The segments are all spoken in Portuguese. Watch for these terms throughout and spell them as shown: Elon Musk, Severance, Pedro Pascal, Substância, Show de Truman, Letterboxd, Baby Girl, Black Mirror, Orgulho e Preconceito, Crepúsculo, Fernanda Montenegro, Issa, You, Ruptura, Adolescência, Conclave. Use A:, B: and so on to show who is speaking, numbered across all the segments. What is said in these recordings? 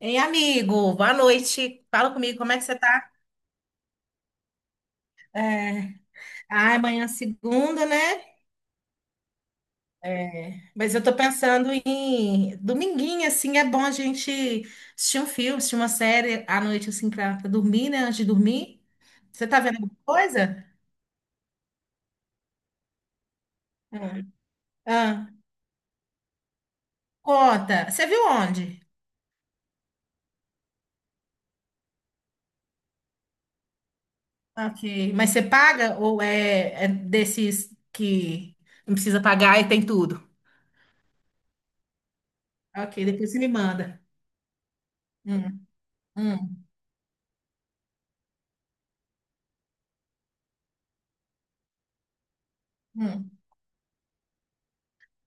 A: Ei, amigo, boa noite. Fala comigo, como é que você tá? Ah, amanhã é segunda, né? É, mas eu tô pensando em dominguinho, assim, é bom a gente assistir um filme, assistir uma série à noite, assim, pra dormir, né? Antes de dormir. Você tá vendo alguma coisa? Ah, ah, conta. Você viu onde? Ok. Mas você paga ou é desses que não precisa pagar e tem tudo? Ok, depois você me manda. Hum, hum, hum.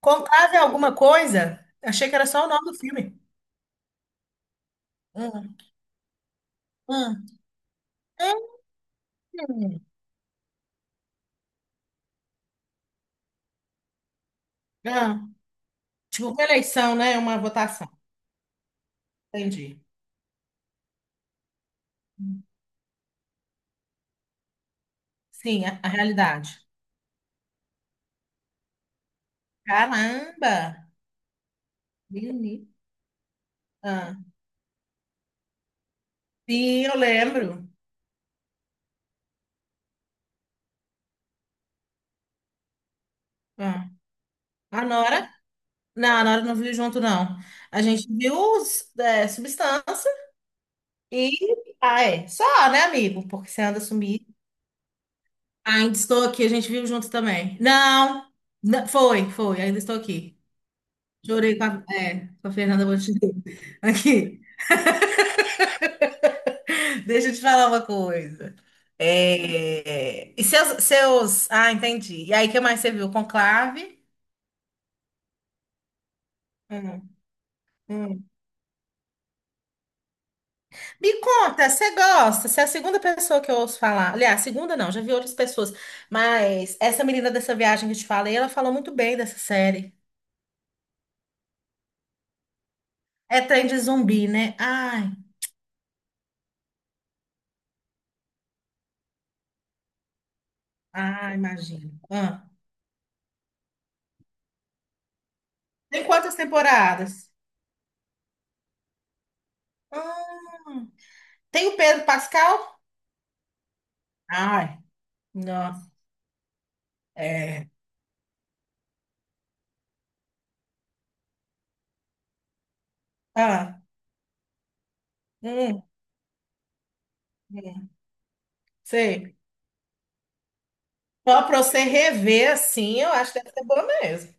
A: Conclave é alguma coisa? Achei que era só o nome do filme. Hum, hum. Hum. Ah, tipo, uma eleição, né? Uma votação. Entendi. Sim, a realidade. Caramba! Menino. Ah, sim, eu lembro. Ah, a Nora? Não, a Nora não viu junto, não. A gente viu os, é, Substância e. Ah, é. Só, né, amigo? Porque você anda sumido. Ainda estou aqui, a gente viu junto também. Não, não, foi, ainda estou aqui. Chorei com a Fernanda Montenegro. Aqui, deixa eu te falar uma coisa. É, e seus. Ah, entendi. E aí, o que mais você viu? Conclave? Hum, hum. Me conta, você gosta? Você é a segunda pessoa que eu ouço falar. Aliás, segunda não, já vi outras pessoas. Mas essa menina dessa viagem que eu te falei, ela falou muito bem dessa série. É trem de zumbi, né? Ai, ai, imagino. Ah. Tem quantas temporadas? Hum. Tem o Pedro Pascal? Ai. Não. É. Ah, hum, hum, sei. Só para você rever assim, eu acho que deve ser boa mesmo.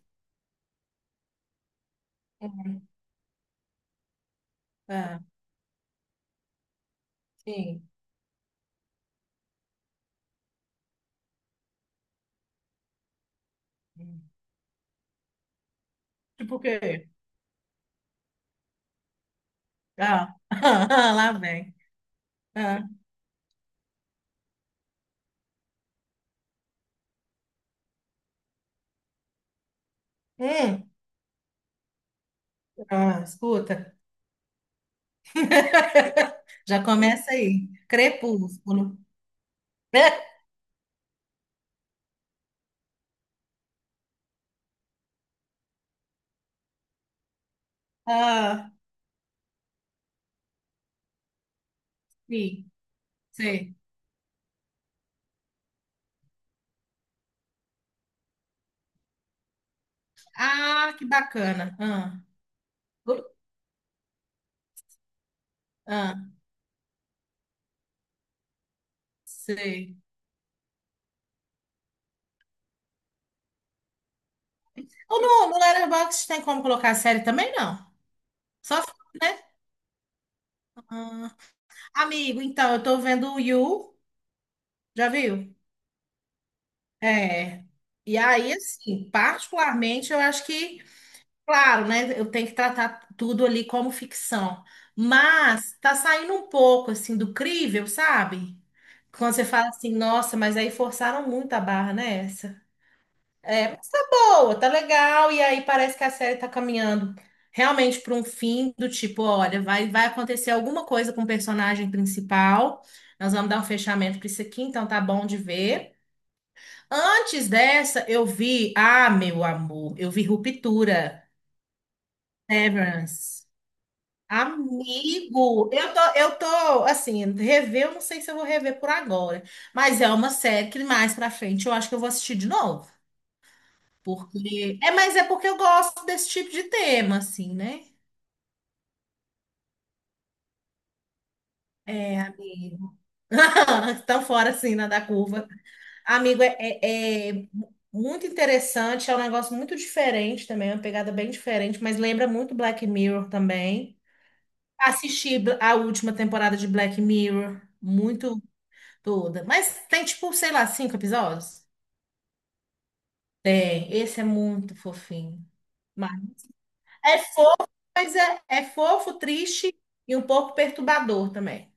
A: Ah, sim. Tipo o quê? Ah, ah, lá vem. Ah, hum, ah, escuta. Já começa aí. Crepúsculo. Ah, sim, sei. Ah, que bacana. Ah, gu- ah, sei. Ou no Letterboxd tem como colocar a série também, não? Só, filme, né? Ah. Amigo, então, eu tô vendo o You, já viu? É. E aí, assim, particularmente, eu acho que, claro, né, eu tenho que tratar tudo ali como ficção. Mas tá saindo um pouco, assim, do crível, sabe? Quando você fala assim, nossa, mas aí forçaram muito a barra, né? É, mas tá boa, tá legal, e aí parece que a série tá caminhando realmente para um fim do tipo, olha, vai acontecer alguma coisa com o personagem principal, nós vamos dar um fechamento para isso aqui, então tá bom de ver. Antes dessa, eu vi, ah, meu amor, eu vi Ruptura, Severance. Amigo, eu tô, assim, rever, eu não sei se eu vou rever por agora, mas é uma série que mais pra frente eu acho que eu vou assistir de novo. Porque. É, mas é porque eu gosto desse tipo de tema, assim, né? É, amigo. tão fora, assim, na da curva. Amigo, é muito interessante, é um negócio muito diferente também, é uma pegada bem diferente, mas lembra muito Black Mirror também. Assisti a última temporada de Black Mirror, muito toda. Mas tem, tipo, sei lá, cinco episódios? Tem. Esse é muito fofinho. Mas é, mas é fofo, triste e um pouco perturbador também.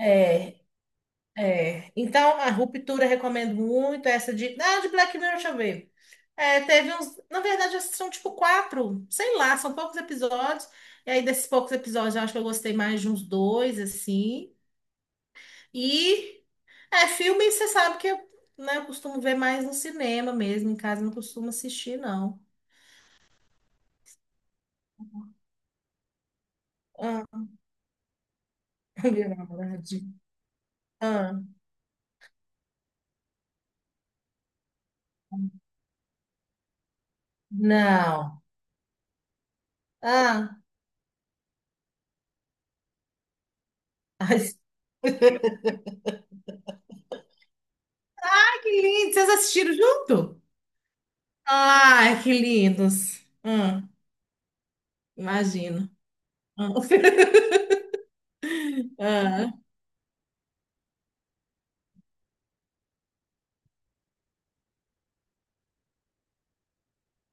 A: É, é. Então, a ruptura eu recomendo muito. Essa de. Ah, de Black Mirror, deixa eu ver. É, teve uns. Na verdade, são tipo quatro. Sei lá, são poucos episódios. E aí, desses poucos episódios, eu acho que eu gostei mais de uns dois, assim. E. É, filme, você sabe que eu, né, eu costumo ver mais no cinema mesmo. Em casa, eu não costumo assistir, não. Ah, meu namorado. Ah, não. Ah. Ai, que lindo! Vocês assistiram junto? Ai, que lindos. Imagino. Hum. Ah,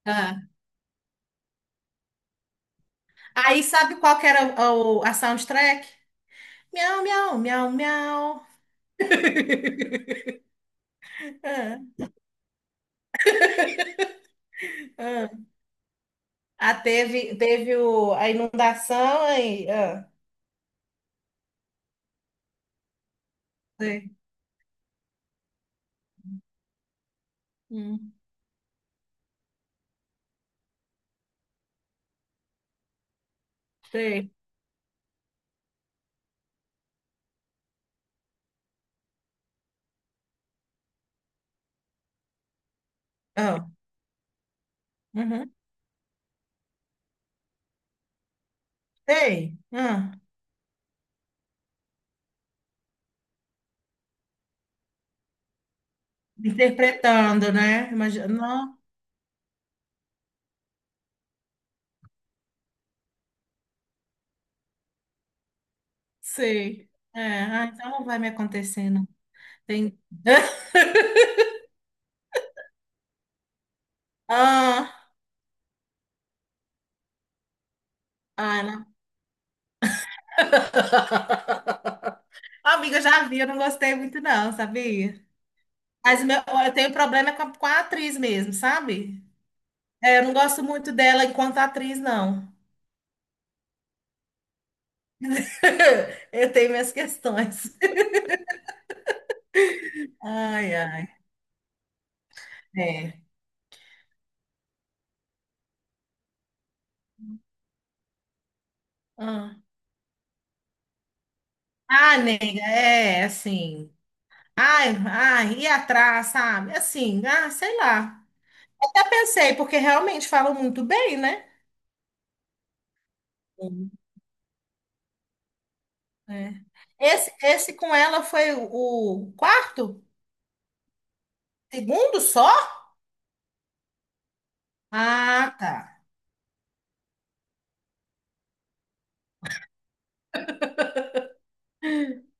A: ah. Aí sabe qual que era a soundtrack? Miau, miau, miau, miau. Ah, ah. Ah, teve a inundação aí. Ah, sei. Hum, sei. Ah, uhum, sei. Ah, interpretando, né? Imagina, não sei. É, ah, então não vai me acontecer, não. Tem... Ah, ah, Amiga, eu já vi, eu não gostei muito, não, sabia? Mas o eu tenho problema com a atriz mesmo, sabe? É, eu não gosto muito dela enquanto atriz, não. Eu tenho minhas questões. Ai, ai, é. Ah, ah, nega, é, assim. Ai, ai, ir atrás, sabe? Assim, ah, sei lá. Até pensei, porque realmente falam muito bem, né? Sim. É. Esse com ela foi o quarto? Segundo só? Ah, tá.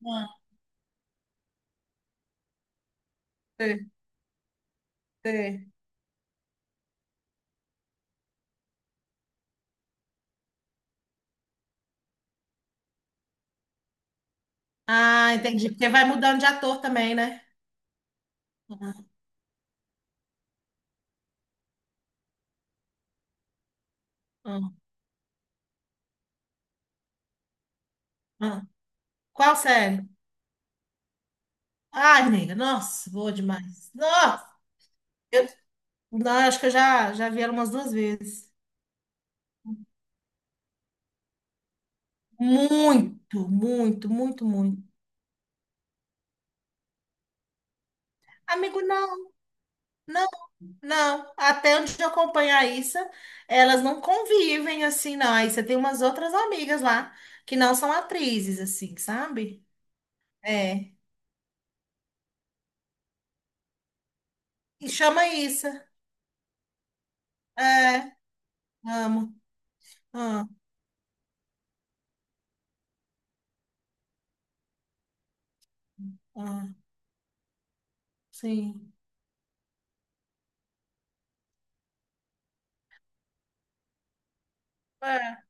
A: Ah, sei, sei. Ah, entendi. Porque vai mudando de ator também, né? Ah, ah, ah. Qual série? Ai, nega, nossa, boa demais. Nossa, eu, não, acho que eu já vi ela umas duas vezes. Muito, muito, muito, muito. Amigo, não, não, não. Até onde eu acompanho a Issa, elas não convivem assim, não. A você tem umas outras amigas lá que não são atrizes, assim, sabe? É. E chama Issa. É, amo. Ah, ah, sim. É.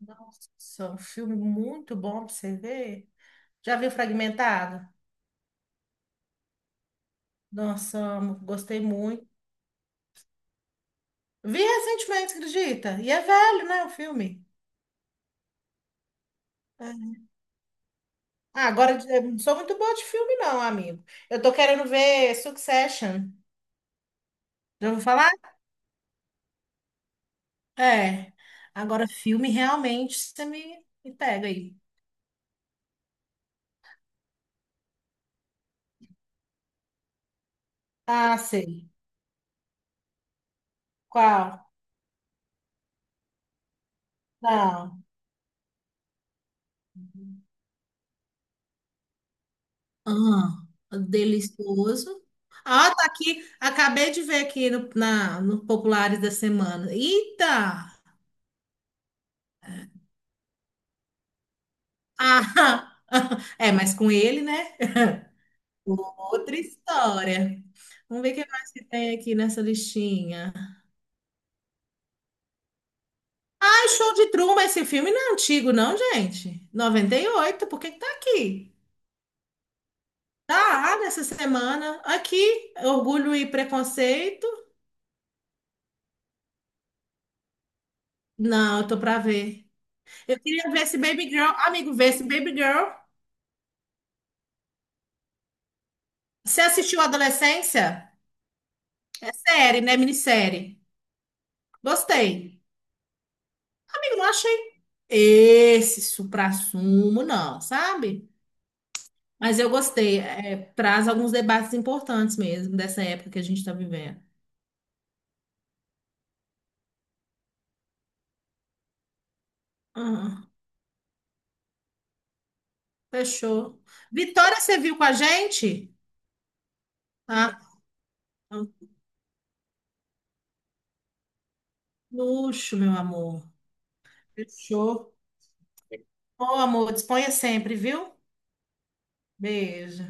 A: Nossa, um filme muito bom pra você ver. Já viu Fragmentado? Nossa, amo, gostei muito. Vi recentemente, acredita? E é velho, né, o filme? É. Ah, agora eu não sou muito boa de filme, não, amigo. Eu tô querendo ver Succession. Já ouviu falar? É. Agora, filme realmente você me pega aí. Ah, sei. Qual? Não. Ah, delicioso. Ah, tá aqui. Acabei de ver aqui no Populares da Semana. Eita! Ah, é, mas com ele, né? Outra história. Vamos ver o que mais que tem aqui nessa listinha. Ah, Show de Truman, esse filme não é antigo, não, gente. 98. Por que que tá aqui? Tá nessa semana. Aqui, Orgulho e Preconceito. Não, eu tô pra ver. Eu queria ver esse Baby Girl. Amigo, ver esse Baby Girl. Você assistiu Adolescência? É série, né? Minissérie. Gostei. Amigo, não achei esse suprassumo, não, sabe? Mas eu gostei. É, traz alguns debates importantes mesmo dessa época que a gente está vivendo. Ah, fechou. Vitória, você viu com a gente? Ah, é um luxo, meu amor. Fechou. Ô, amor, disponha sempre, viu? Beijo.